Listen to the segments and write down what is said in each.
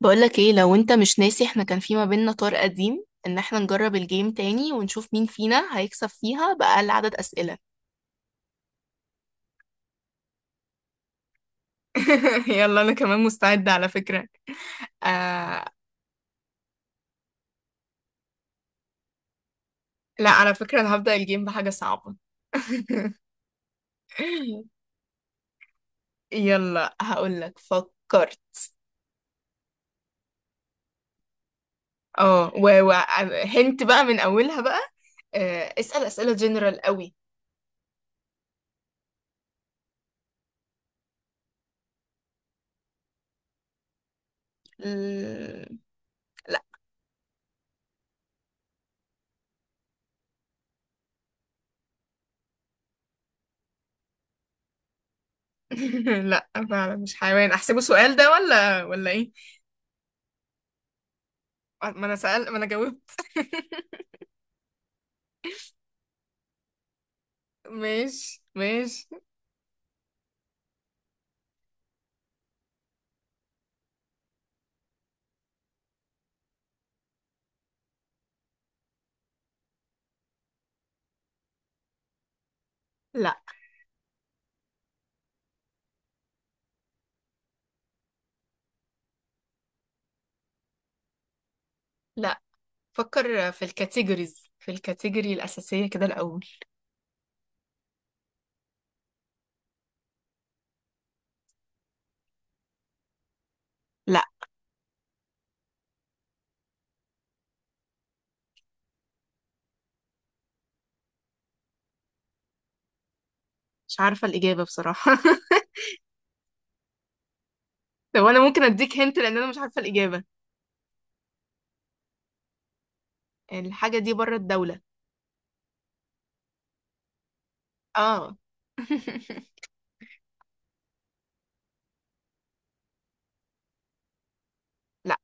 بقولك ايه؟ لو انت مش ناسي، احنا كان في ما بيننا طار قديم ان احنا نجرب الجيم تاني ونشوف مين فينا هيكسب فيها بأقل عدد أسئلة. يلا، انا كمان مستعدة على فكرة. آه... لا، على فكرة انا هبدأ الجيم بحاجة صعبة. يلا، هقولك فكرت. اه، هنت بقى من اولها بقى. اسأل اسئلة جنرال قوي. ال- لا. لا، فعلا مش حيوان. احسبه سؤال ده ولا ايه؟ ما انا سأل ما انا جاوبت. ماشي، ماشي. لا، لا. فكر في الكاتيجوريز، في الكاتيجوري الأساسية كده الأول. لا، مش عارفة الإجابة بصراحة. طب أنا ممكن أديك هنت، لأن أنا مش عارفة الإجابة. الحاجة دي بره الدولة. اه. لا،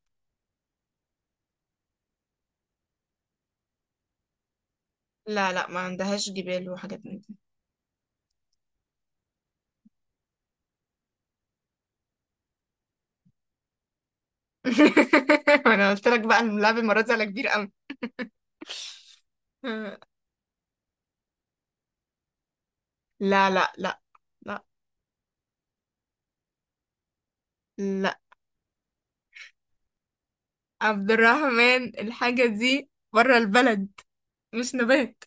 لا، لا، ما عندهاش جبال وحاجات من دي. أنا قلت لك بقى اللعب المرة دي على كبير أوي. لا، لا، لا، لا، لا. عبد الرحمن، الحاجة دي بره البلد. مش نبات.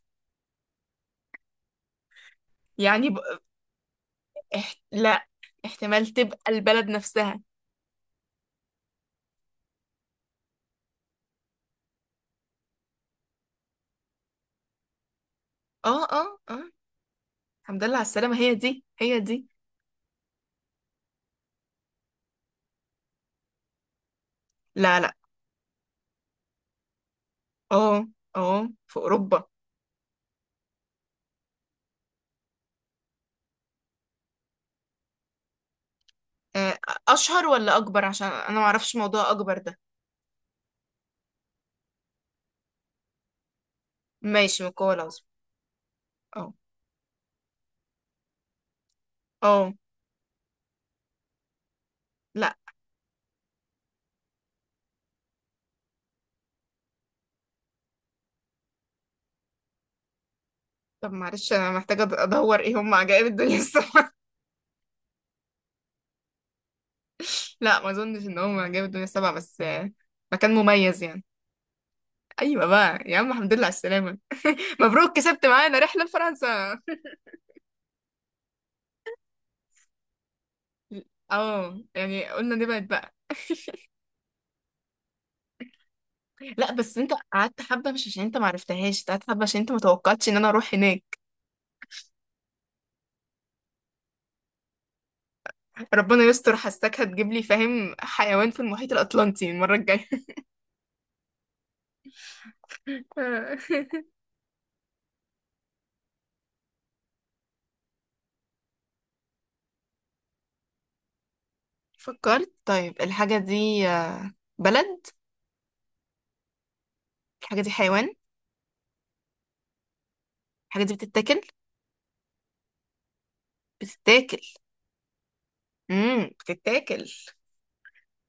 يعني لا، احتمال تبقى البلد نفسها. اه، اه، اه. الحمد لله على السلامة، هي دي هي دي. لا، لا. اه، اه، في أوروبا. آه، أشهر ولا أكبر؟ عشان أنا معرفش موضوع أكبر ده. ماشي، من القوة العظمى. اه، اه. لا. طب معلش، أنا محتاجة أدور إيه هم عجائب الدنيا السبعة. لا، ما أظنش إن هم عجائب الدنيا السبعة، بس مكان مميز يعني. أيوة بقى يا عم، الحمد لله على السلامة. مبروك، كسبت معانا رحلة لفرنسا. اه، يعني قلنا نبعد بقى. لا، بس انت قعدت حبه مش عشان انت معرفتهاش، انت قعدت حبه عشان انت متوقعتش ان انا اروح هناك. ربنا يستر، حساك هتجيب لي فاهم حيوان في المحيط الاطلنطي المره الجايه. فكرت. طيب الحاجه دي بلد. الحاجه دي حيوان؟ الحاجه دي بتتاكل؟ بتتاكل. بتتاكل.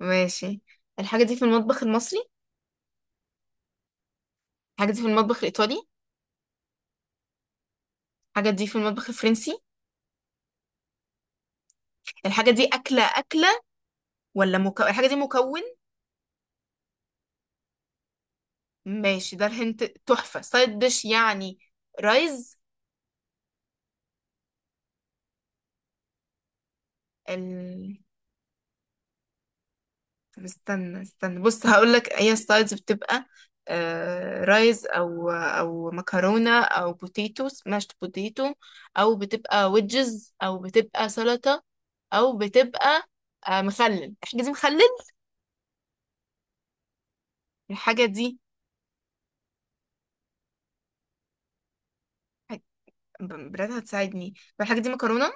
ماشي. الحاجه دي في المطبخ المصري؟ الحاجه دي في المطبخ الايطالي؟ الحاجه دي في المطبخ الفرنسي؟ الحاجه دي اكله اكله ولا مكون؟ الحاجه دي مكون؟ ماشي، ده الهنت تحفة. سايد ديش يعني؟ رايز؟ ال... طب استنى، استنى، بص هقولك، هي السايدز بتبقى آه رايز او مكرونة، او بوتيتو سماشت بوتيتو، او بتبقى ويدجز، او بتبقى سلطة، او بتبقى آه مخلل. الحاجة دي مخلل؟ الحاجة دي حاج- بلاد هتساعدني؟ طب الحاجة دي مكرونة؟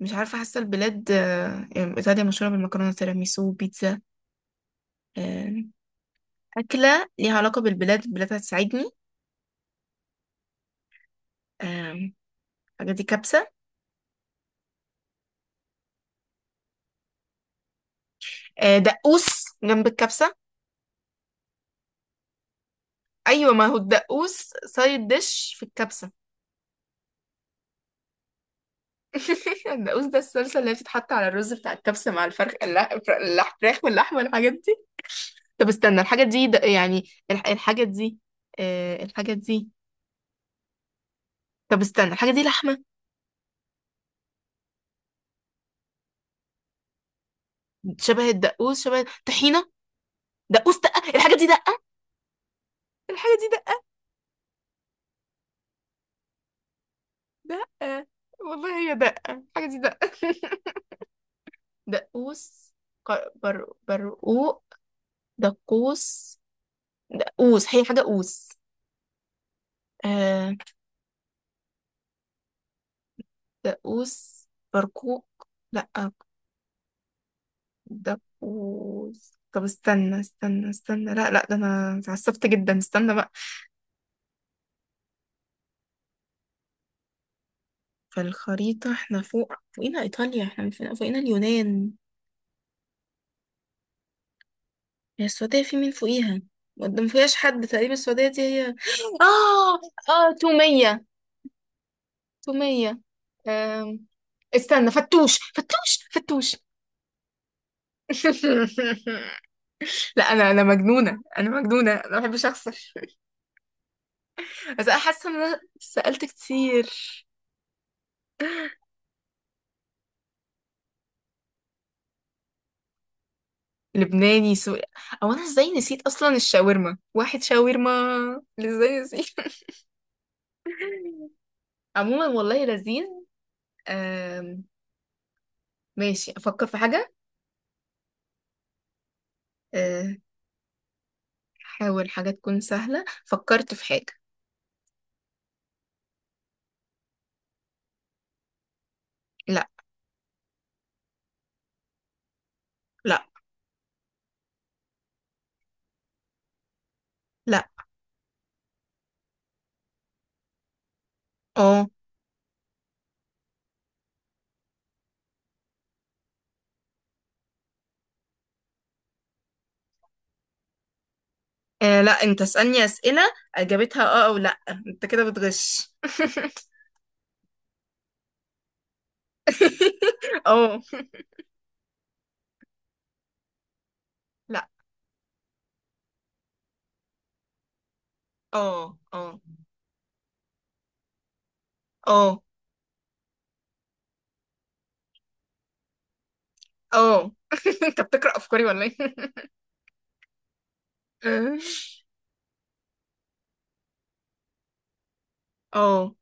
مش عارفة، حاسة البلاد يعني إيطاليا مشهورة بالمكرونة، تيراميسو، بيتزا. آه، أكلة ليها علاقة بالبلاد. البلاد هتساعدني. آم، الحاجة دي كبسة؟ دقوس جنب الكبسة. أيوة، ما هو الدقوس سايد ديش في الكبسة. الدقوس ده الصلصة اللي بتتحط على الرز بتاع الكبسة، مع الفرخ الفراخ واللحمة والحاجات دي. طب استنى، الحاجة دي يعني الحاجة دي الحاجة دي. طب استنى، الحاجة دي لحمة؟ شبه الدقوس، شبه طحينة. دقوس، دقة. الحاجة دي دقة؟ الحاجة دي دقة؟ دقة. والله هي دقة، الحاجة دي دقة. دقوس، برقوق. دقوس. دقوس هي حاجة قوس. آه. دقوس. برقوق. لأ. دقوس. طب استنى، استنى، استنى، لا، لا، ده انا اتعصبت جدا، استنى بقى. فالخريطة احنا فوق، فوقينا ايطاليا، احنا فوقينا اليونان. هي السعودية في مين فوقيها؟ ما ما فيهاش حد تقريبا، السعودية دي هي. اه. اه، تومية. تومية. أم، استنى، فتوش، فتوش، فتوش! لا، انا مجنونه، انا مجنونه، انا ما بحبش اخسر. بس انا حاسه ان انا سالت كتير. لبناني، سوري. او انا ازاي نسيت اصلا الشاورما؟ واحد شاورما! ازاي نسيت؟ عموما، والله لذيذ. آم، ماشي، افكر في حاجه. آه، حاول حاجه تكون سهله. فكرت في حاجه. لا، لا، لا. اه. لا، انت اسالني اسئله اجابتها اه او لا. انت كده بتغش. اه. لا. اه، اه، اه، اه. انت بتقرأ افكاري ولا ايه؟ اه،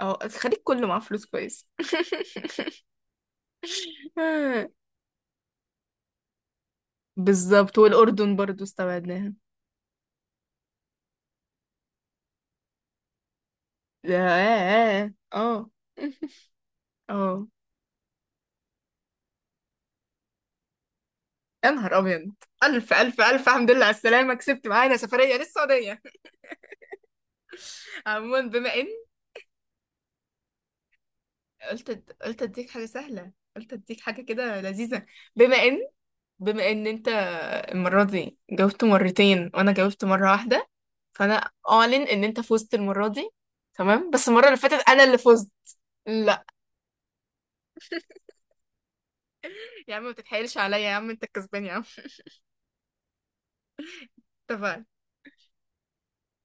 اه. الخليج كله معاه فلوس كويس. بالظبط، والاردن برضو استبعدناها. اه، اه. اه. يا نهار ابيض! الف، الف، الف الحمد لله على السلامه، كسبت معانا سفريه للسعوديه. عموما بما ان قلت قلت اديك حاجه سهله، قلت اديك حاجه كده لذيذه. بما ان بما ان انت المرة دي جاوبت مرتين وانا جاوبت مرة واحدة، فانا اعلن ان انت فزت المرة دي. تمام، بس المرة اللي فاتت انا اللي فزت. لا. يا عم ما تتحايلش عليا، يا عم انت الكسبان يا عم. اتفقنا.